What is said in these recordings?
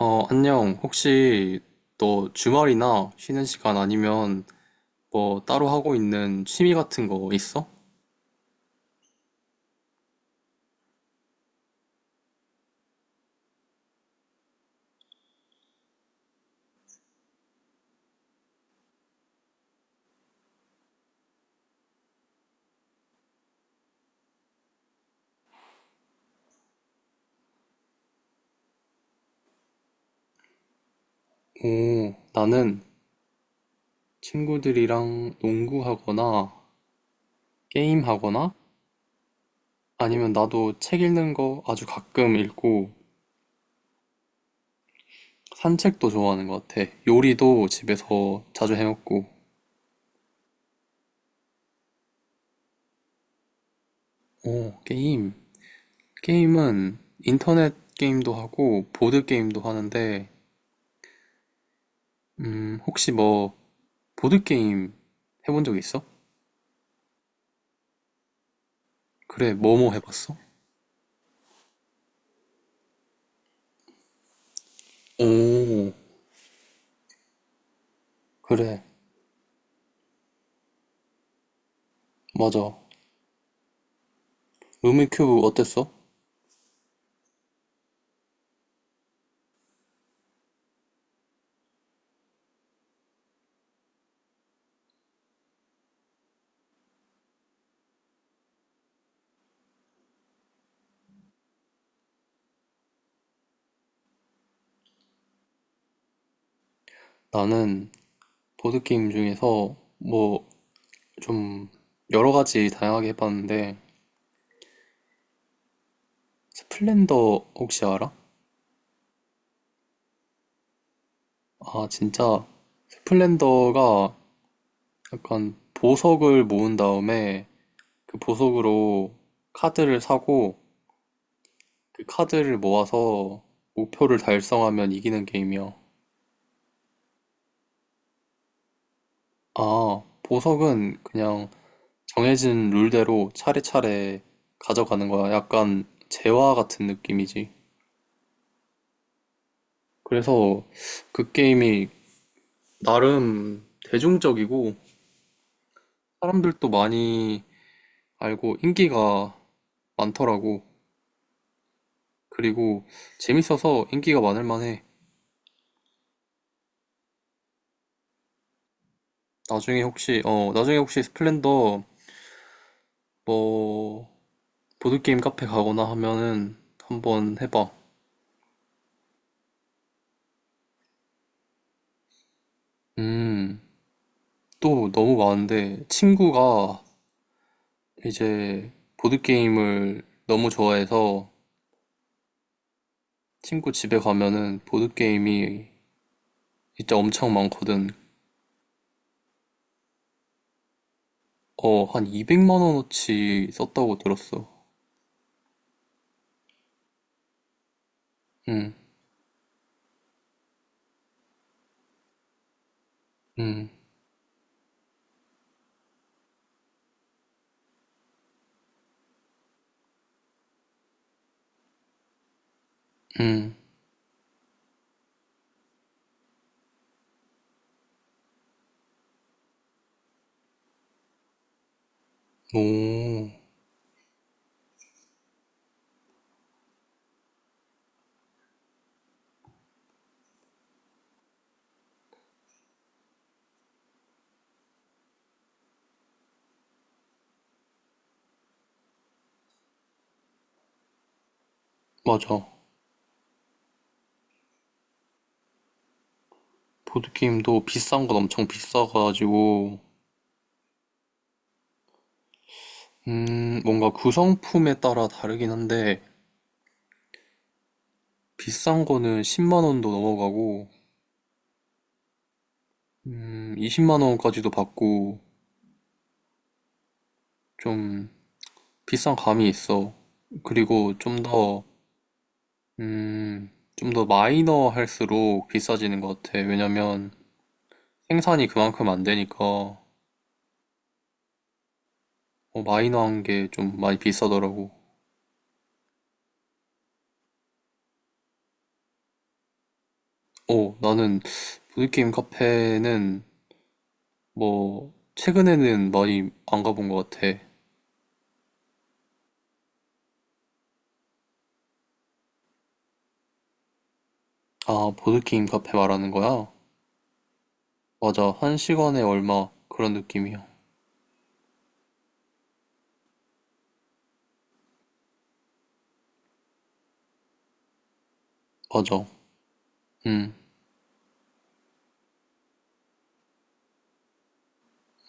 어, 안녕. 혹시 너 주말이나 쉬는 시간 아니면 뭐 따로 하고 있는 취미 같은 거 있어? 오, 나는 친구들이랑 농구하거나 게임하거나 아니면 나도 책 읽는 거 아주 가끔 읽고 산책도 좋아하는 것 같아. 요리도 집에서 자주 해먹고. 오, 게임. 게임은 인터넷 게임도 하고 보드 게임도 하는데, 혹시 뭐 보드 게임 해본 적 있어? 그래, 뭐뭐 해봤어? 오, 그래, 맞아. 루미 큐브 어땠어? 나는 보드게임 중에서 뭐 좀 여러 가지 다양하게 해봤는데, 스플렌더 혹시 알아? 아, 진짜. 스플렌더가 약간 보석을 모은 다음에 그 보석으로 카드를 사고 그 카드를 모아서 목표를 달성하면 이기는 게임이야. 아, 보석은 그냥 정해진 룰대로 차례차례 가져가는 거야. 약간 재화 같은 느낌이지. 그래서 그 게임이 나름 대중적이고 사람들도 많이 알고 인기가 많더라고. 그리고 재밌어서 인기가 많을 만해. 나중에 혹시 스플렌더 뭐 보드게임 카페 가거나 하면은 한번 해봐. 음, 또 너무 많은데 친구가 이제 보드게임을 너무 좋아해서 친구 집에 가면은 보드게임이 진짜 엄청 많거든. 어, 한 200만 원어치 썼다고 들었어. 응, 응, 응. 오, 맞아. 보드게임도 비싼 건 엄청 비싸가지고, 뭔가 구성품에 따라 다르긴 한데, 비싼 거는 10만 원도 넘어가고, 20만 원까지도 받고, 좀 비싼 감이 있어. 그리고 좀더 음, 좀 더 마이너 할수록 비싸지는 것 같아. 왜냐면 생산이 그만큼 안 되니까 마이너한 게 좀 많이 비싸더라고. 어, 나는 보드게임 카페는 뭐 최근에는 많이 안 가본 것 같아. 아, 보드게임 카페 말하는 거야? 맞아. 한 시간에 얼마 그런 느낌이야. 맞아. 음,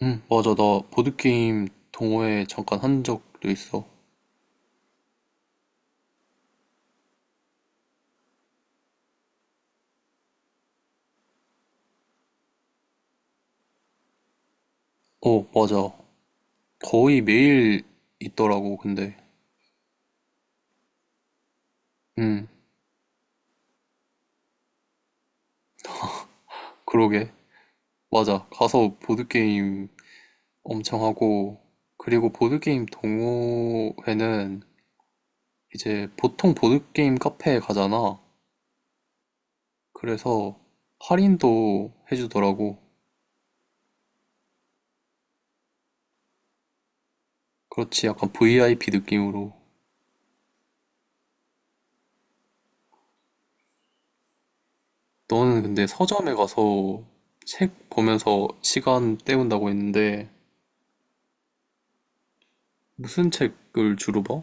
맞아. 나 보드게임 동호회 잠깐 한 적도 있어. 어, 맞아. 거의 매일 있더라고, 근데. 음. 그러게. 맞아. 가서 보드게임 엄청 하고, 그리고 보드게임 동호회는 이제 보통 보드게임 카페에 가잖아. 그래서 할인도 해주더라고. 그렇지. 약간 VIP 느낌으로. 너는 근데 서점에 가서 책 보면서 시간 때운다고 했는데, 무슨 책을 주로 봐?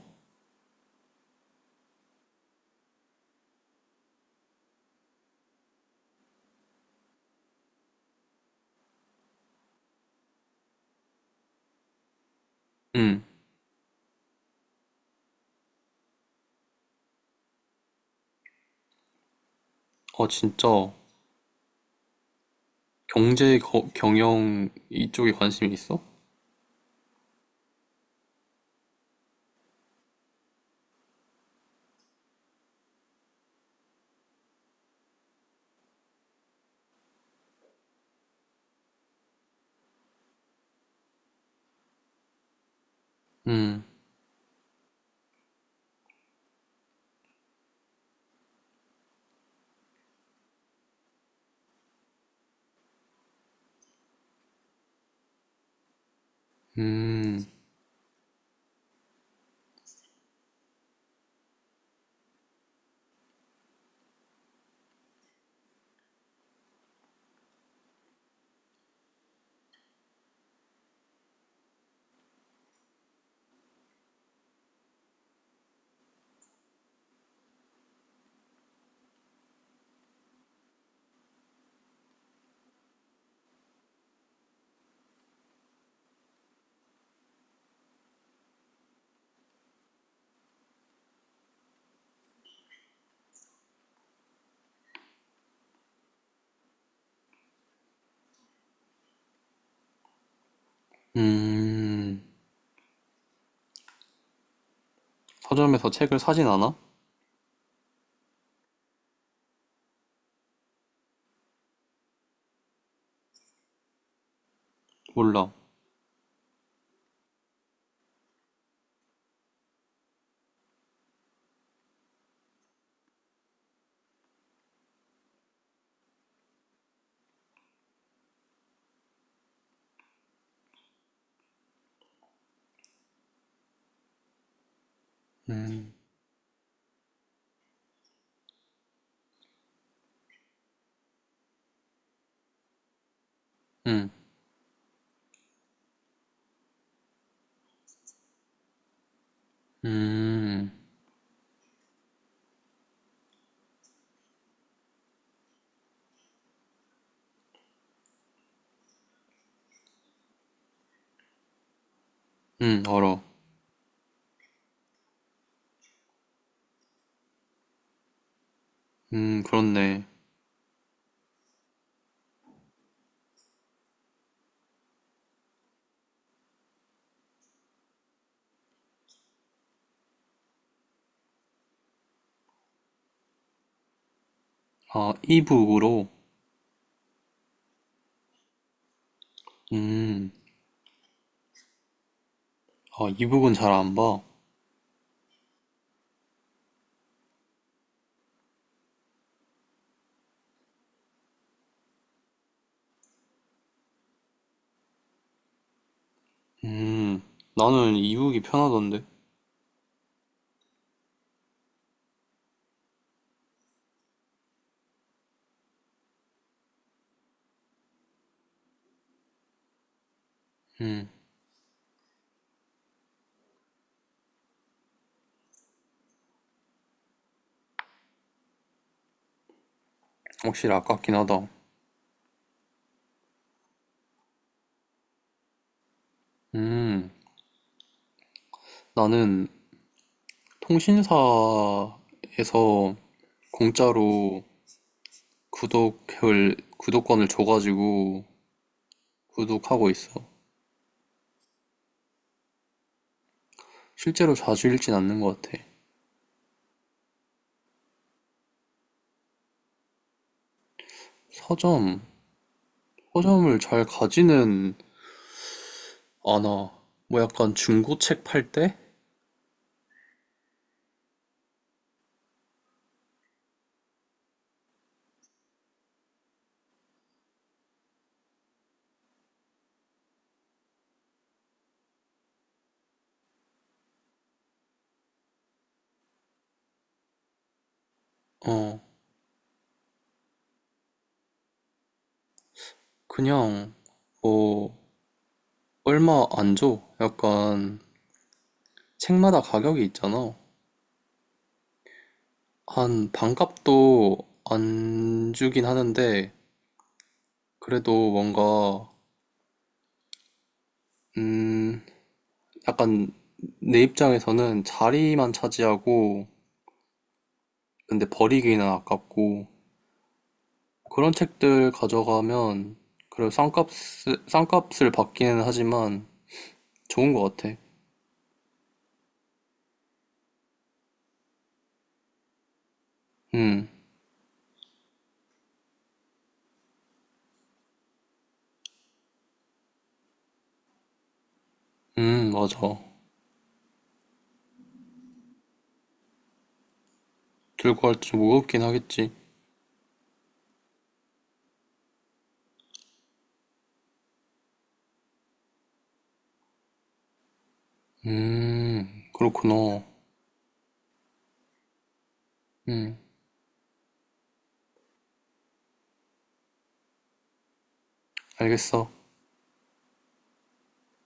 응. 아, 진짜. 경제, 경영 이쪽에 관심이 있어? 음, 음, 음. 서점에서 책을 사진 않아? 몰라. 음, 음, 음, 알아. 그렇네. 아, 이북으로? 음, 아, 이북은 잘 안 봐. 음, 나는 이북이 편하던데. 음, 확실히 아깝긴 하다. 음, 나는 통신사에서 공짜로 구독권을 줘가지고 구독하고 있어. 실제로 자주 읽진 않는 것 같아. 서점, 서점을 잘 가지는 아, 나, 뭐 약간 중고 책 팔 때? 어, 그냥, 뭐, 얼마 안 줘. 약간, 책마다 가격이 있잖아. 한, 반값도 안 주긴 하는데, 그래도 뭔가, 음, 약간, 내 입장에서는 자리만 차지하고, 근데 버리기는 아깝고, 그런 책들 가져가면, 그래 싼값을 받기는 하지만, 좋은 것 같아. 음, 맞아. 들고 갈 때 좀 무겁긴 하겠지. 그렇구나. 음, 알겠어.